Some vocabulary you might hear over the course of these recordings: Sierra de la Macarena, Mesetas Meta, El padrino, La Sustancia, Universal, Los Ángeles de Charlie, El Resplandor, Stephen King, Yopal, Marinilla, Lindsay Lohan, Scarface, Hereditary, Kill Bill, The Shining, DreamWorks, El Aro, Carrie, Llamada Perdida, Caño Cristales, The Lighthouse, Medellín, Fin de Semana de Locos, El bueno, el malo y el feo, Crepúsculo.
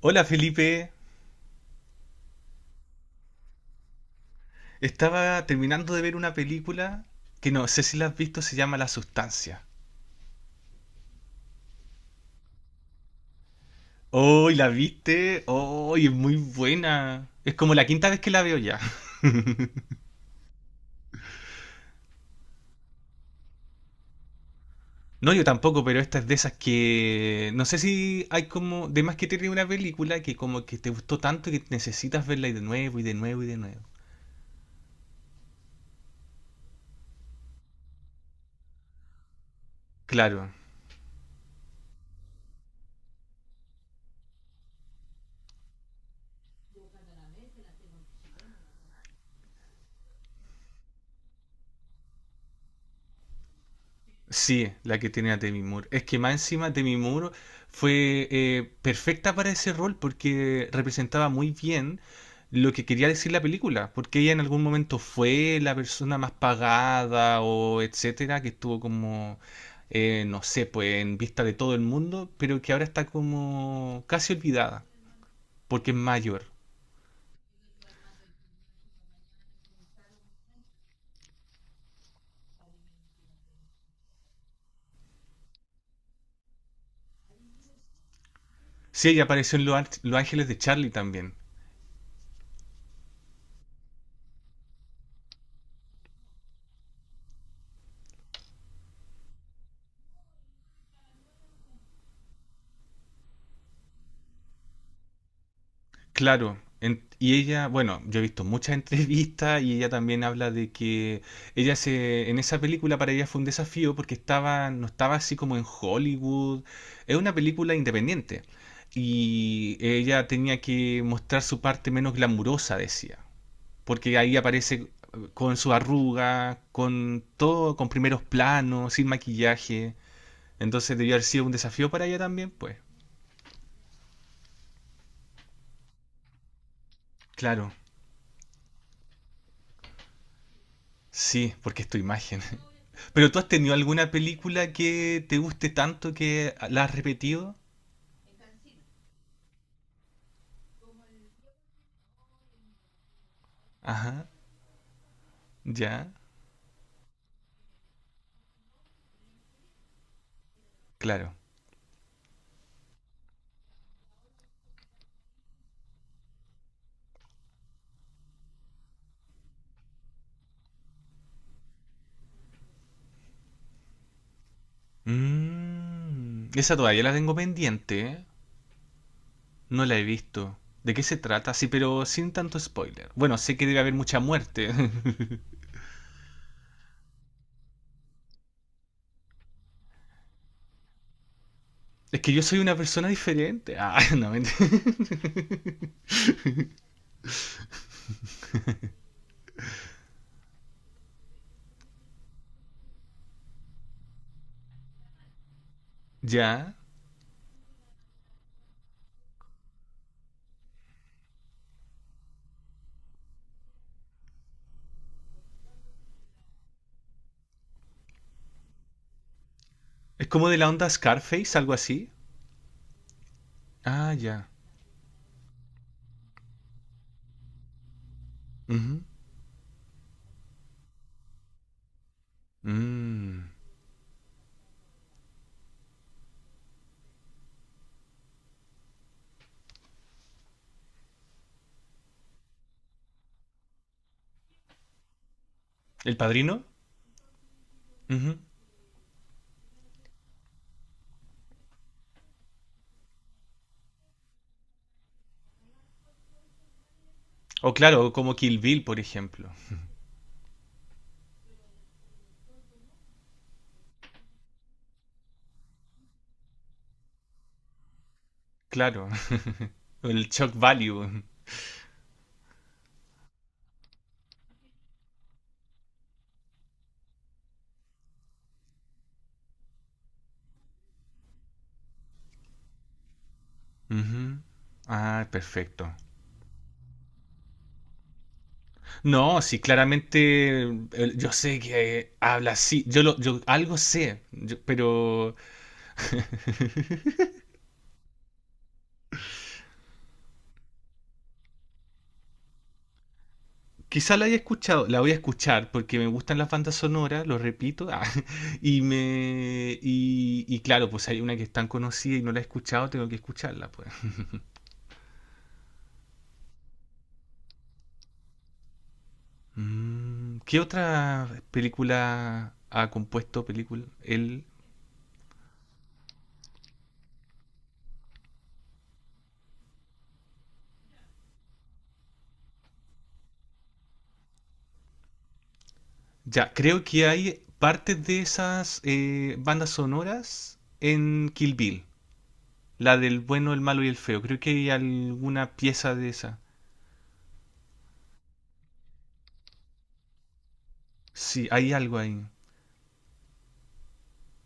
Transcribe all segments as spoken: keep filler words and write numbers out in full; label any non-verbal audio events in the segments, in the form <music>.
Hola Felipe, estaba terminando de ver una película que no sé si la has visto, se llama La Sustancia. ¡Oh, y la viste! ¡Oh, y es muy buena! Es como la quinta vez que la veo ya. No, yo tampoco, pero esta es de esas que... No sé si hay como... De más que tiene una película que como que te gustó tanto que necesitas verla y de nuevo y de nuevo y de nuevo. Claro. Sí, la que tiene a Demi Moore. Es que más encima Demi Moore fue eh, perfecta para ese rol porque representaba muy bien lo que quería decir la película, porque ella en algún momento fue la persona más pagada o etcétera, que estuvo como, eh, no sé, pues en vista de todo el mundo, pero que ahora está como casi olvidada, porque es mayor. Sí, ella apareció en Los Ángeles de Charlie también. Claro, en- y ella, bueno, yo he visto muchas <laughs> entrevistas y ella también habla de que ella se, en esa película para ella fue un desafío porque estaba, no estaba así como en Hollywood, es una película independiente y ella tenía que mostrar su parte menos glamurosa, decía, porque ahí aparece eh, con su arruga, con todo, con primeros planos, sin maquillaje, entonces debió haber sido un desafío para ella también, pues, claro, sí, porque es tu imagen. ¿Pero tú has tenido alguna película que te guste tanto que la has repetido? Ajá, ya, claro. Mm, esa todavía la tengo pendiente, ¿eh? No la he visto. ¿De qué se trata? Sí, pero sin tanto spoiler. Bueno, sé que debe haber mucha muerte. <laughs> Es que yo soy una persona diferente. Ah, <laughs> no, mentira. <laughs> Ya. Es como de la onda Scarface, algo así. Ah, ya. Ujú. Mm. ¿El padrino? Ujú. O claro, como Kill Bill, por ejemplo. Claro. El shock value. Ujú. Ah, perfecto. No, sí, claramente el- yo sé que eh, habla así. Yo, lo, yo algo sé, yo- pero quizá la haya escuchado. La voy a escuchar porque me gustan las bandas sonoras, lo repito. <laughs> ah, y me y, y claro, pues hay una que es tan conocida y no la he escuchado, tengo que escucharla, pues. Mm, ¿qué otra película ha compuesto película él Ya, creo que hay partes de esas eh, bandas sonoras en Kill Bill. La del bueno, el malo y el feo. Creo que hay alguna pieza de esa. Sí, hay algo ahí.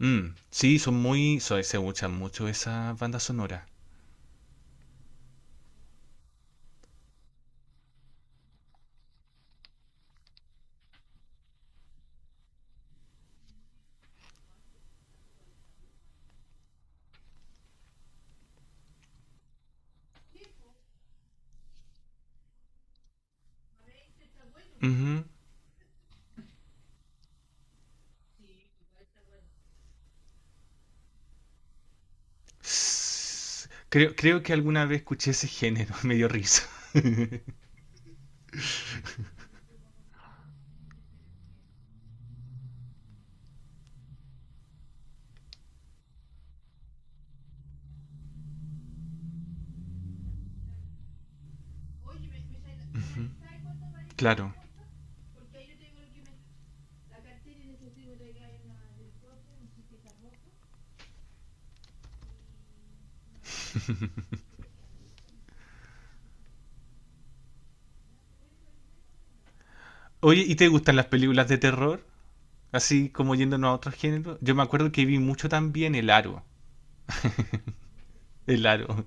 Mm, sí, son muy... so- se usan mucho esas bandas sonoras. Ujú. S- Creo, creo que alguna vez escuché ese género, <laughs> me dio risa. Ujú, claro. Oye, ¿y te gustan las películas de terror? Así como yéndonos a otros géneros. Yo me acuerdo que vi mucho también El Aro. El Aro.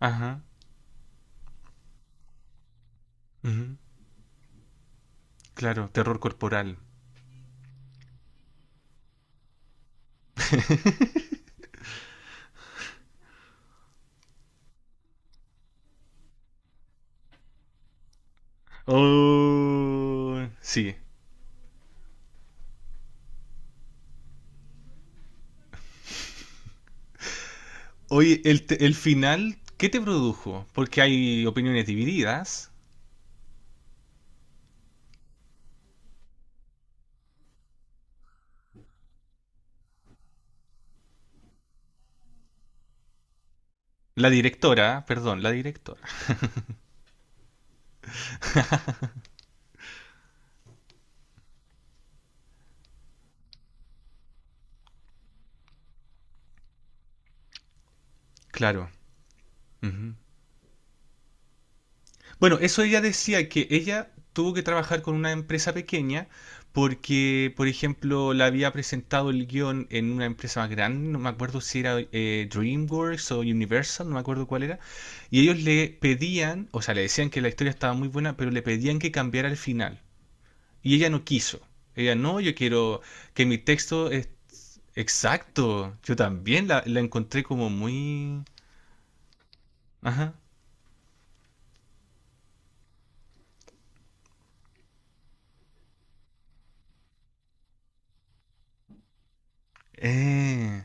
Ajá. Ujú. Claro, terror corporal. Oh, sí. Oye, el, te- el final, ¿qué te produjo? Porque hay opiniones divididas. La directora, perdón, la directora. Claro. Ujú. Bueno, eso ella decía que ella tuvo que trabajar con una empresa pequeña porque, por ejemplo, la había presentado el guión en una empresa más grande, no me acuerdo si era eh, DreamWorks o Universal, no me acuerdo cuál era, y ellos le pedían, o sea, le decían que la historia estaba muy buena, pero le pedían que cambiara el final. Y ella no quiso. Ella, no, yo quiero que mi texto es exacto. Yo también la, la encontré como muy... Ajá. Eh,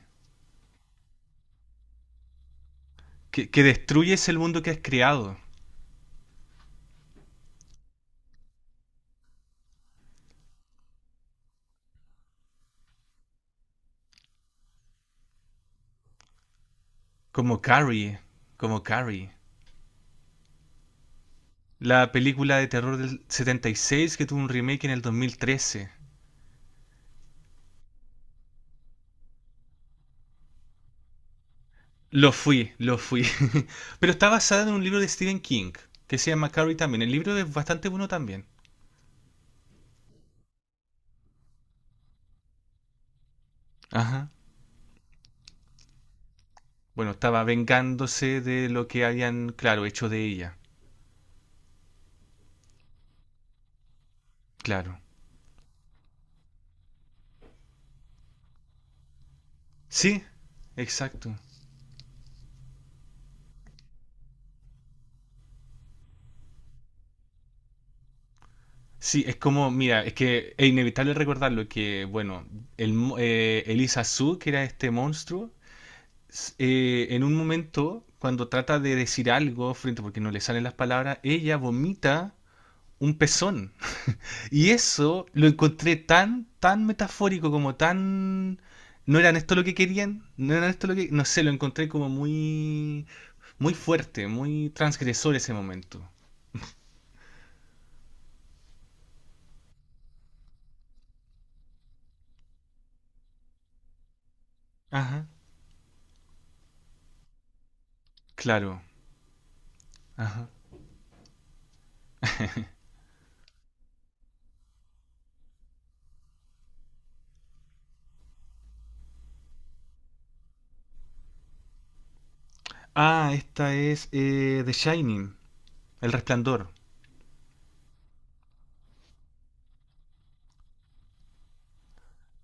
que, que destruyes el mundo que has creado. Como Carrie. Como Carrie. La película de terror del setenta y seis que tuvo un remake en el dos mil trece. Lo fui, lo fui. <laughs> Pero está basada en un libro de Stephen King, que se llama Carrie también. El libro es bastante bueno también. Ajá. Bueno, estaba vengándose de lo que habían, claro, hecho de ella. Claro. Sí, exacto. Sí, es como, mira, es que es inevitable recordarlo que, bueno, el, mo- eh, Elisa Su, que era este monstruo, s- eh, en un momento, cuando trata de decir algo frente, porque no le salen las palabras, ella vomita un pezón. <laughs> Y eso lo encontré tan, tan metafórico, como tan... No eran esto lo que querían, no eran esto lo que... No sé, lo encontré como muy, muy fuerte, muy transgresor ese momento. Ajá, claro. Ajá. Ah, esta es eh, The Shining, El Resplandor.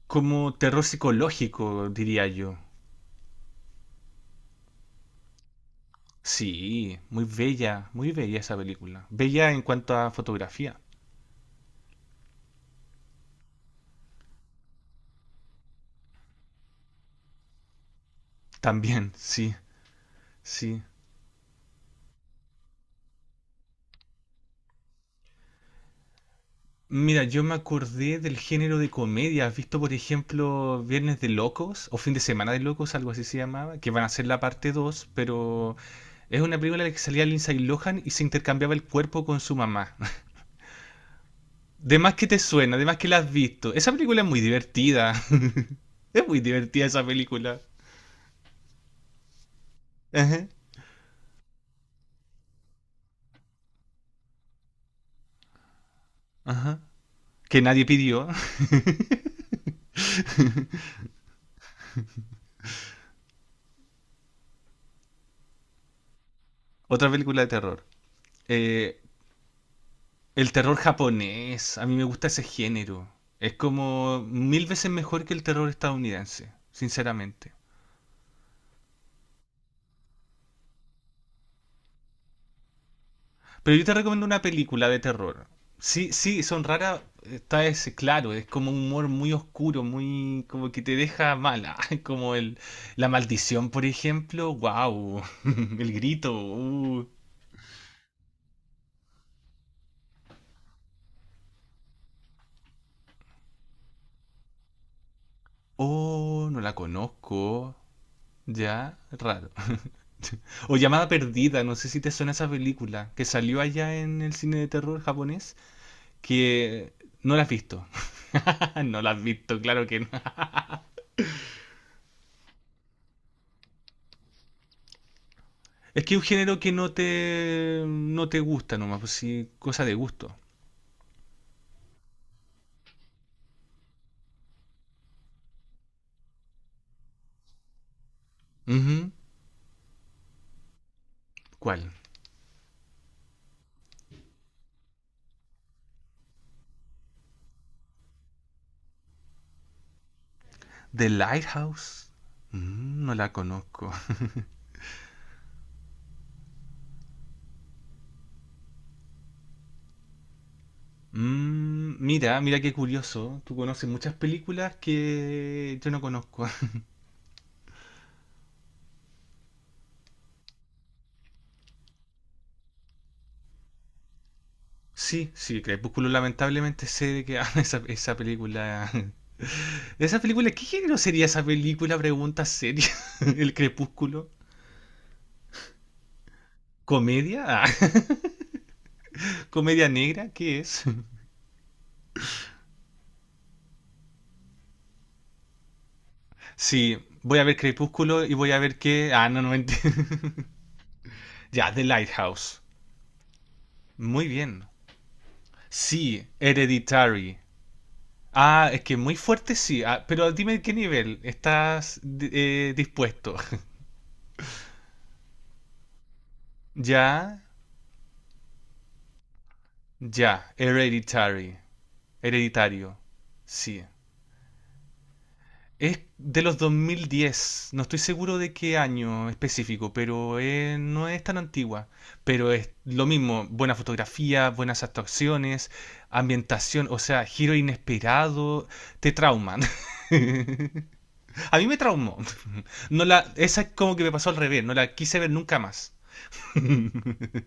Como terror psicológico, diría yo. Sí, muy bella, muy bella esa película. Bella en cuanto a fotografía. También, sí, sí. Mira, yo me acordé del género de comedia. ¿Has visto, por ejemplo, Viernes de Locos o Fin de Semana de Locos, algo así se llamaba? Que van a ser la parte dos, pero es una película en la que salía Lindsay Lohan y se intercambiaba el cuerpo con su mamá. De más que te suena, de más que la has visto. Esa película es muy divertida. <laughs> Es muy divertida esa película. Ajá. Ajá. Que nadie pidió. <laughs> Otra película de terror. Eh, el terror japonés. A mí me gusta ese género. Es como mil veces mejor que el terror estadounidense, sinceramente. Pero yo te recomiendo una película de terror. Sí, sí, son raras, está ese, claro, es como un humor muy oscuro, muy como que te deja mala, <laughs> como el la maldición, por ejemplo, wow, <laughs> el grito, uh. Oh, no la conozco, ya, raro. <laughs> O Llamada Perdida, no sé si te suena esa película que salió allá en el cine de terror japonés, que no la has visto. <laughs> No la has visto, claro que no. Es que es un género que no te, no te gusta nomás, pues sí, cosa de gusto. Ujú. ¿Cuál? The Lighthouse. Mm, no la conozco. Mm, mira, mira qué curioso. Tú conoces muchas películas que yo no conozco. <laughs> Sí, sí, Crepúsculo lamentablemente sé de qué <laughs> habla esa, esa película. <laughs> ¿Esa película? ¿Qué género sería esa película? Pregunta seria. <laughs> ¿El Crepúsculo? ¿Comedia? Ah, <laughs> ¿Comedia negra? ¿Qué es? Sí, voy a ver Crepúsculo y voy a ver qué... Ah, no, no mentira. <laughs> Ya, The Lighthouse. Muy bien. Sí, Hereditary. Ah, es que muy fuerte sí. Ah, pero dime qué nivel estás eh, dispuesto. <laughs> Ya, ya, Hereditary. Hereditario. Sí. Es de los dos mil diez no estoy seguro de qué año específico, pero eh, no es tan antigua. Pero es lo mismo, buena fotografía, buenas actuaciones, ambientación, o sea, giro inesperado, te trauman. <laughs> A mí me traumó. No la, esa es como que me pasó al revés, no la quise ver nunca más. <laughs>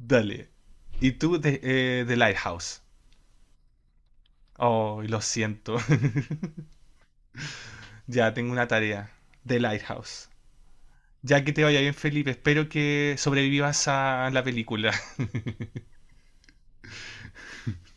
Dale. ¿Y tú de, eh, The Lighthouse? Oh, lo siento, <laughs> ya tengo una tarea. The Lighthouse. Ya que te vaya bien, Felipe. Espero que sobrevivas a la película.